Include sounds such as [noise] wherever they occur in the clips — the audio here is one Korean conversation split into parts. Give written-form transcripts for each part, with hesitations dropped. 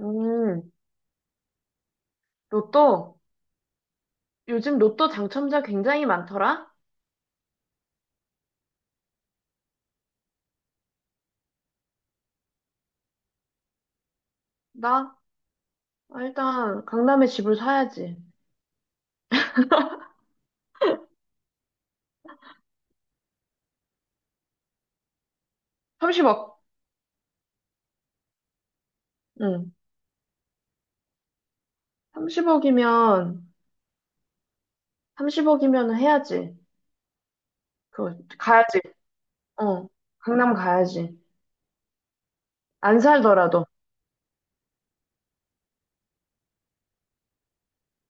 음, 로또? 요즘 로또 당첨자 굉장히 많더라? 나? 아, 일단 강남에 집을 사야지. 30억. 응. 30억이면, 30억이면 해야지. 그거, 가야지. 어. 강남 가야지. 안 살더라도.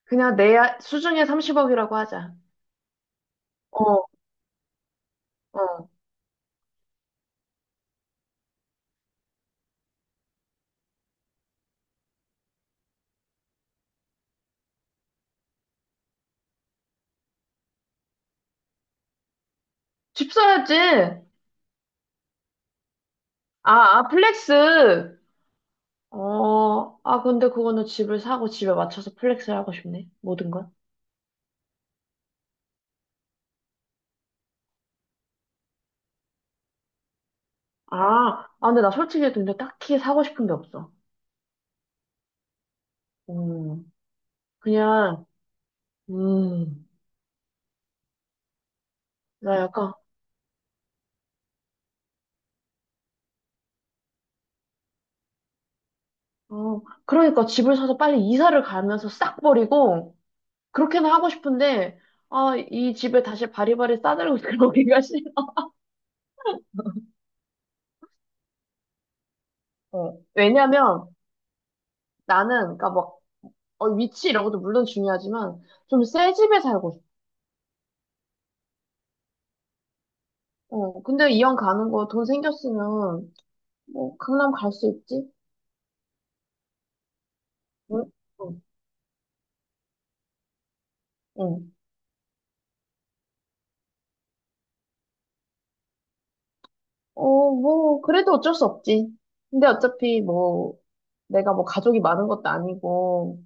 그냥 수중에 30억이라고 하자. 어, 어. 집 사야지. 아, 플렉스. 어, 아, 근데 그거는 집을 사고 집에 맞춰서 플렉스를 하고 싶네. 모든 걸. 근데 나 솔직히 근데 딱히 사고 싶은 게 없어. 음, 그냥, 음, 나 약간, 어, 그러니까 집을 사서 빨리 이사를 가면서 싹 버리고, 그렇게는 하고 싶은데, 아, 이 집에 다시 바리바리 싸들고 [laughs] 들어오기가 싫어. 어, 왜냐면 나는, 그러니까 막, 어, 위치 이런 것도 물론 중요하지만, 좀 새 집에 살고 싶어. 어, 근데 이왕 가는 거 돈 생겼으면, 뭐, 강남 갈 수 있지? 응? 응. 어, 뭐, 그래도 어쩔 수 없지. 근데 어차피 뭐, 내가 뭐 가족이 많은 것도 아니고,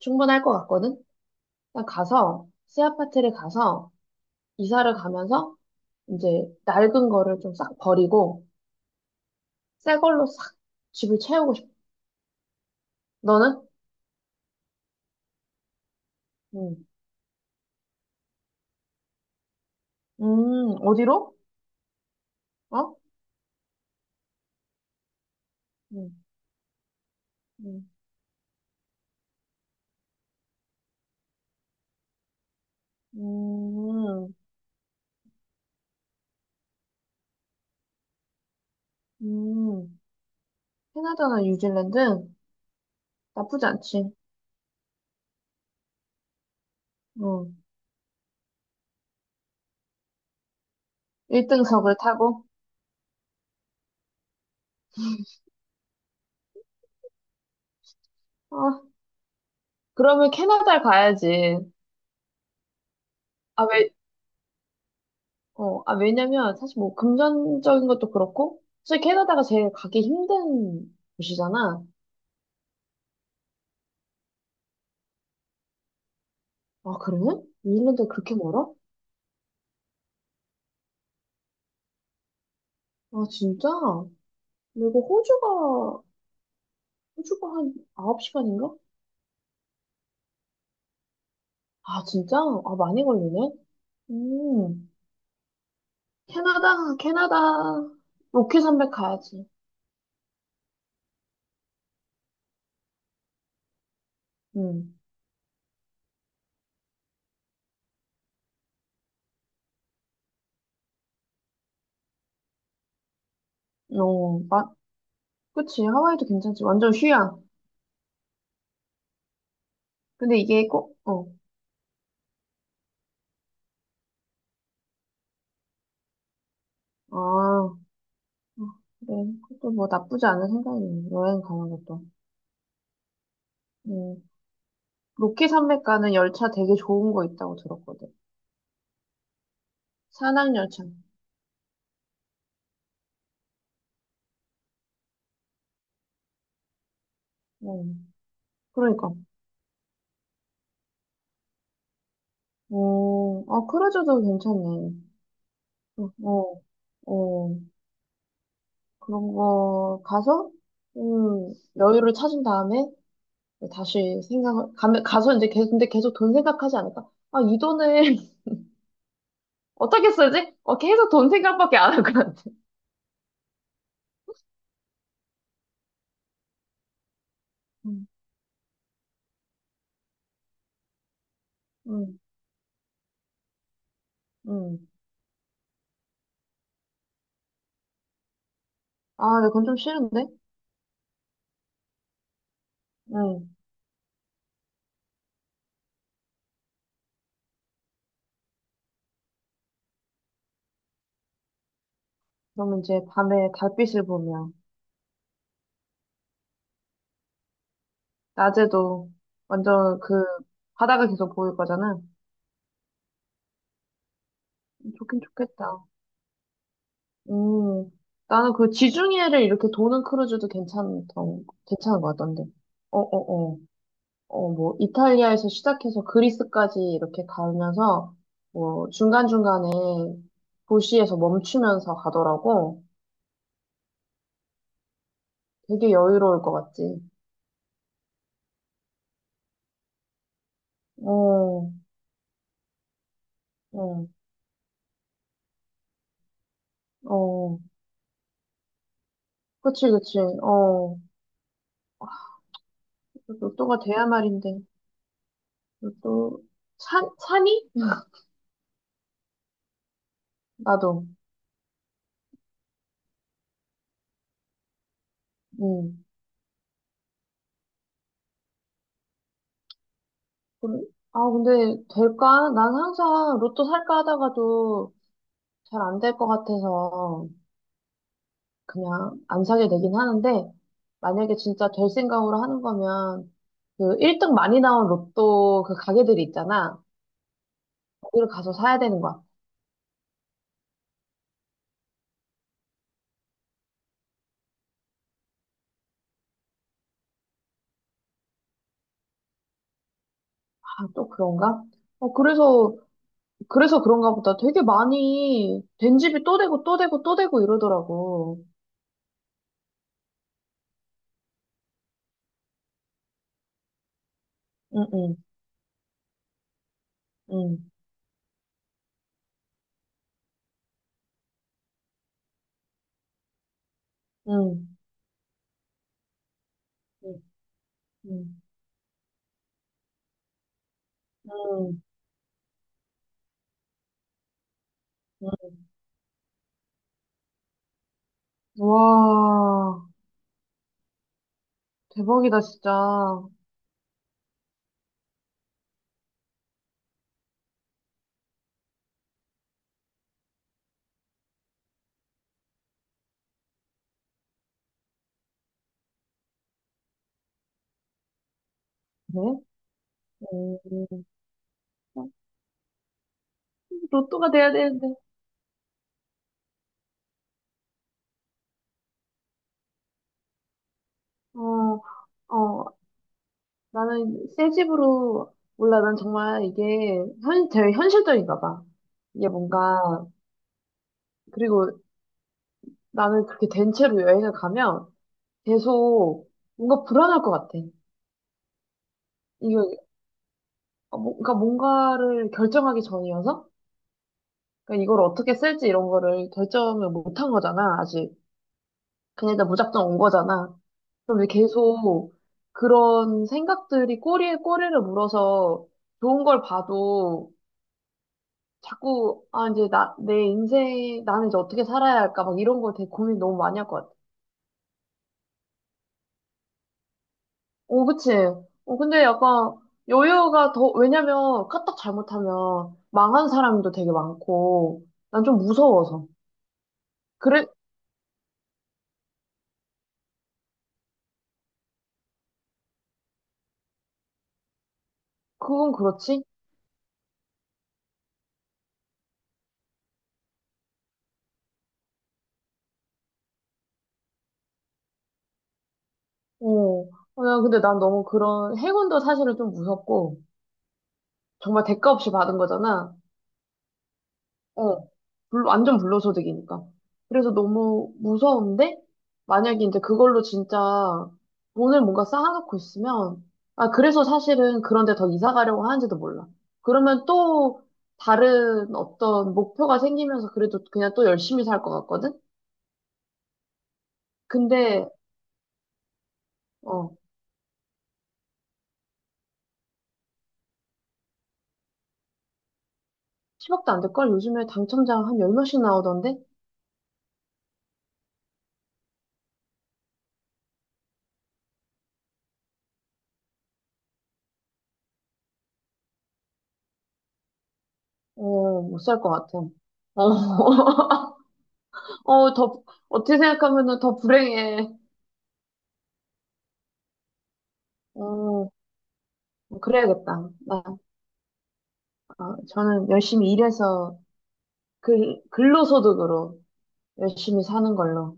충분할 것 같거든? 난 가서, 새 아파트를 가서, 이사를 가면서, 이제, 낡은 거를 좀 싹 버리고, 새 걸로 싹 집을 채우고 싶어. 너는? 응. 어디로? 어? 응. 응. 음, 음. 음. 캐나다나 뉴질랜드? 나쁘지 않지. 응. 1등석을 타고. 아, 그러면 캐나다를 가야지. 아, 왜, 어, 아, 왜냐면 사실 뭐 금전적인 것도 그렇고, 사실 캐나다가 제일 가기 힘든 곳이잖아. 아, 그래? 뉴질랜드 그렇게 멀어? 아, 진짜? 그리고 호주가, 호주가 한 9시간인가? 아, 진짜? 아, 많이 걸리네? 음, 캐나다, 로키 산맥 가야지. 음, 어, 마, 그치. 하와이도 괜찮지. 완전 휴양. 근데 이게 꼭, 어, 아, 어, 그래. 그것도 뭐 나쁘지 않은 생각이네. 여행 가는 것도. 음, 로키 산맥 가는 열차 되게 좋은 거 있다고 들었거든. 산악 열차. 음, 그러니까. 어, 아, 크루즈도 괜찮네. 어, 어, 그런 거 가서 여유를 찾은 다음에 다시 생각을 가 가서 이제 계속 근데 계속 돈 생각하지 않을까? 아, 이 돈을 [laughs] 어떻게 쓰지? 어, 계속 돈 생각밖에 안 할 것 같아. 음, 음, 음. 아, 근데 그건 좀 싫은데? 음. 그러면 이제 밤에 달빛을 보며 낮에도 완전 그 바다가 계속 보일 거잖아. 좋긴 좋겠다. 음, 나는 그 지중해를 이렇게 도는 크루즈도 괜찮던, 괜찮은 것 같던데. 어, 어, 어. 어, 뭐, 이탈리아에서 시작해서 그리스까지 이렇게 가면서, 뭐, 중간중간에 도시에서 멈추면서 가더라고. 되게 여유로울 것 같지. 어, 어, 어. 그치, 그치. 어. 로또가 돼야 말인데. 로또, 산이? 나도. 음. 근- 아, 근데 될까? 난 항상 로또 살까 하다가도 잘 안 될 것 같아서 그냥 안 사게 되긴 하는데 만약에 진짜 될 생각으로 하는 거면 그 1등 많이 나온 로또 그 가게들이 있잖아. 거기를 가서 사야 되는 거야. 아, 또 그런가? 어, 그래서, 그래서 그런가 보다. 되게 많이 된 집이 또 되고 또 되고 또 되고 이러더라고. 응, 응, 응, 응, 응, 응, 응. 응. 와, 대박이다, 진짜. 네? 오, 로또가 돼야 되는데. 어, 어, 나는 새 집으로, 몰라, 난 정말 이게 현, 되게 현실적인가 봐. 이게 뭔가, 그리고 나는 그렇게 된 채로 여행을 가면 계속 뭔가 불안할 것 같아. 이거, 어, 그러니까 뭔가를 결정하기 전이어서? 그러니까 이걸 어떻게 쓸지 이런 거를 결정을 못한 거잖아, 아직. 그냥 일단 무작정 온 거잖아. 그럼 왜 계속 그런 생각들이 꼬리에 꼬리를 물어서 좋은 걸 봐도 자꾸, 아, 이제 나, 내 인생, 나는 이제 어떻게 살아야 할까, 막 이런 거 되게 고민 너무 많이 할 것 같아. 오 그치? 어, 근데 약간 여유가 더, 왜냐면 까딱 잘못하면 망한 사람도 되게 많고, 난 좀 무서워서. 그래, 그건 그렇지? 어. 어, 근데 난 너무 그런, 행운도 사실은 좀 무섭고, 정말 대가 없이 받은 거잖아. 어, 완전 불로소득이니까. 그래서 너무 무서운데, 만약에 이제 그걸로 진짜 돈을 뭔가 쌓아놓고 있으면, 아, 그래서 사실은 그런데 더 이사 가려고 하는지도 몰라. 그러면 또 다른 어떤 목표가 생기면서 그래도 그냥 또 열심히 살 것 같거든? 근데, 어, 10억도 안 될걸? 요즘에 당첨자 한 열 몇씩 나오던데? 어, 못 살 것 같아. 어, [laughs] 어, 더, 어떻게 생각하면은 더 불행해. 어. 그래야겠다. 나, 어, 저는 열심히 일해서 글, 근로소득으로 열심히 사는 걸로.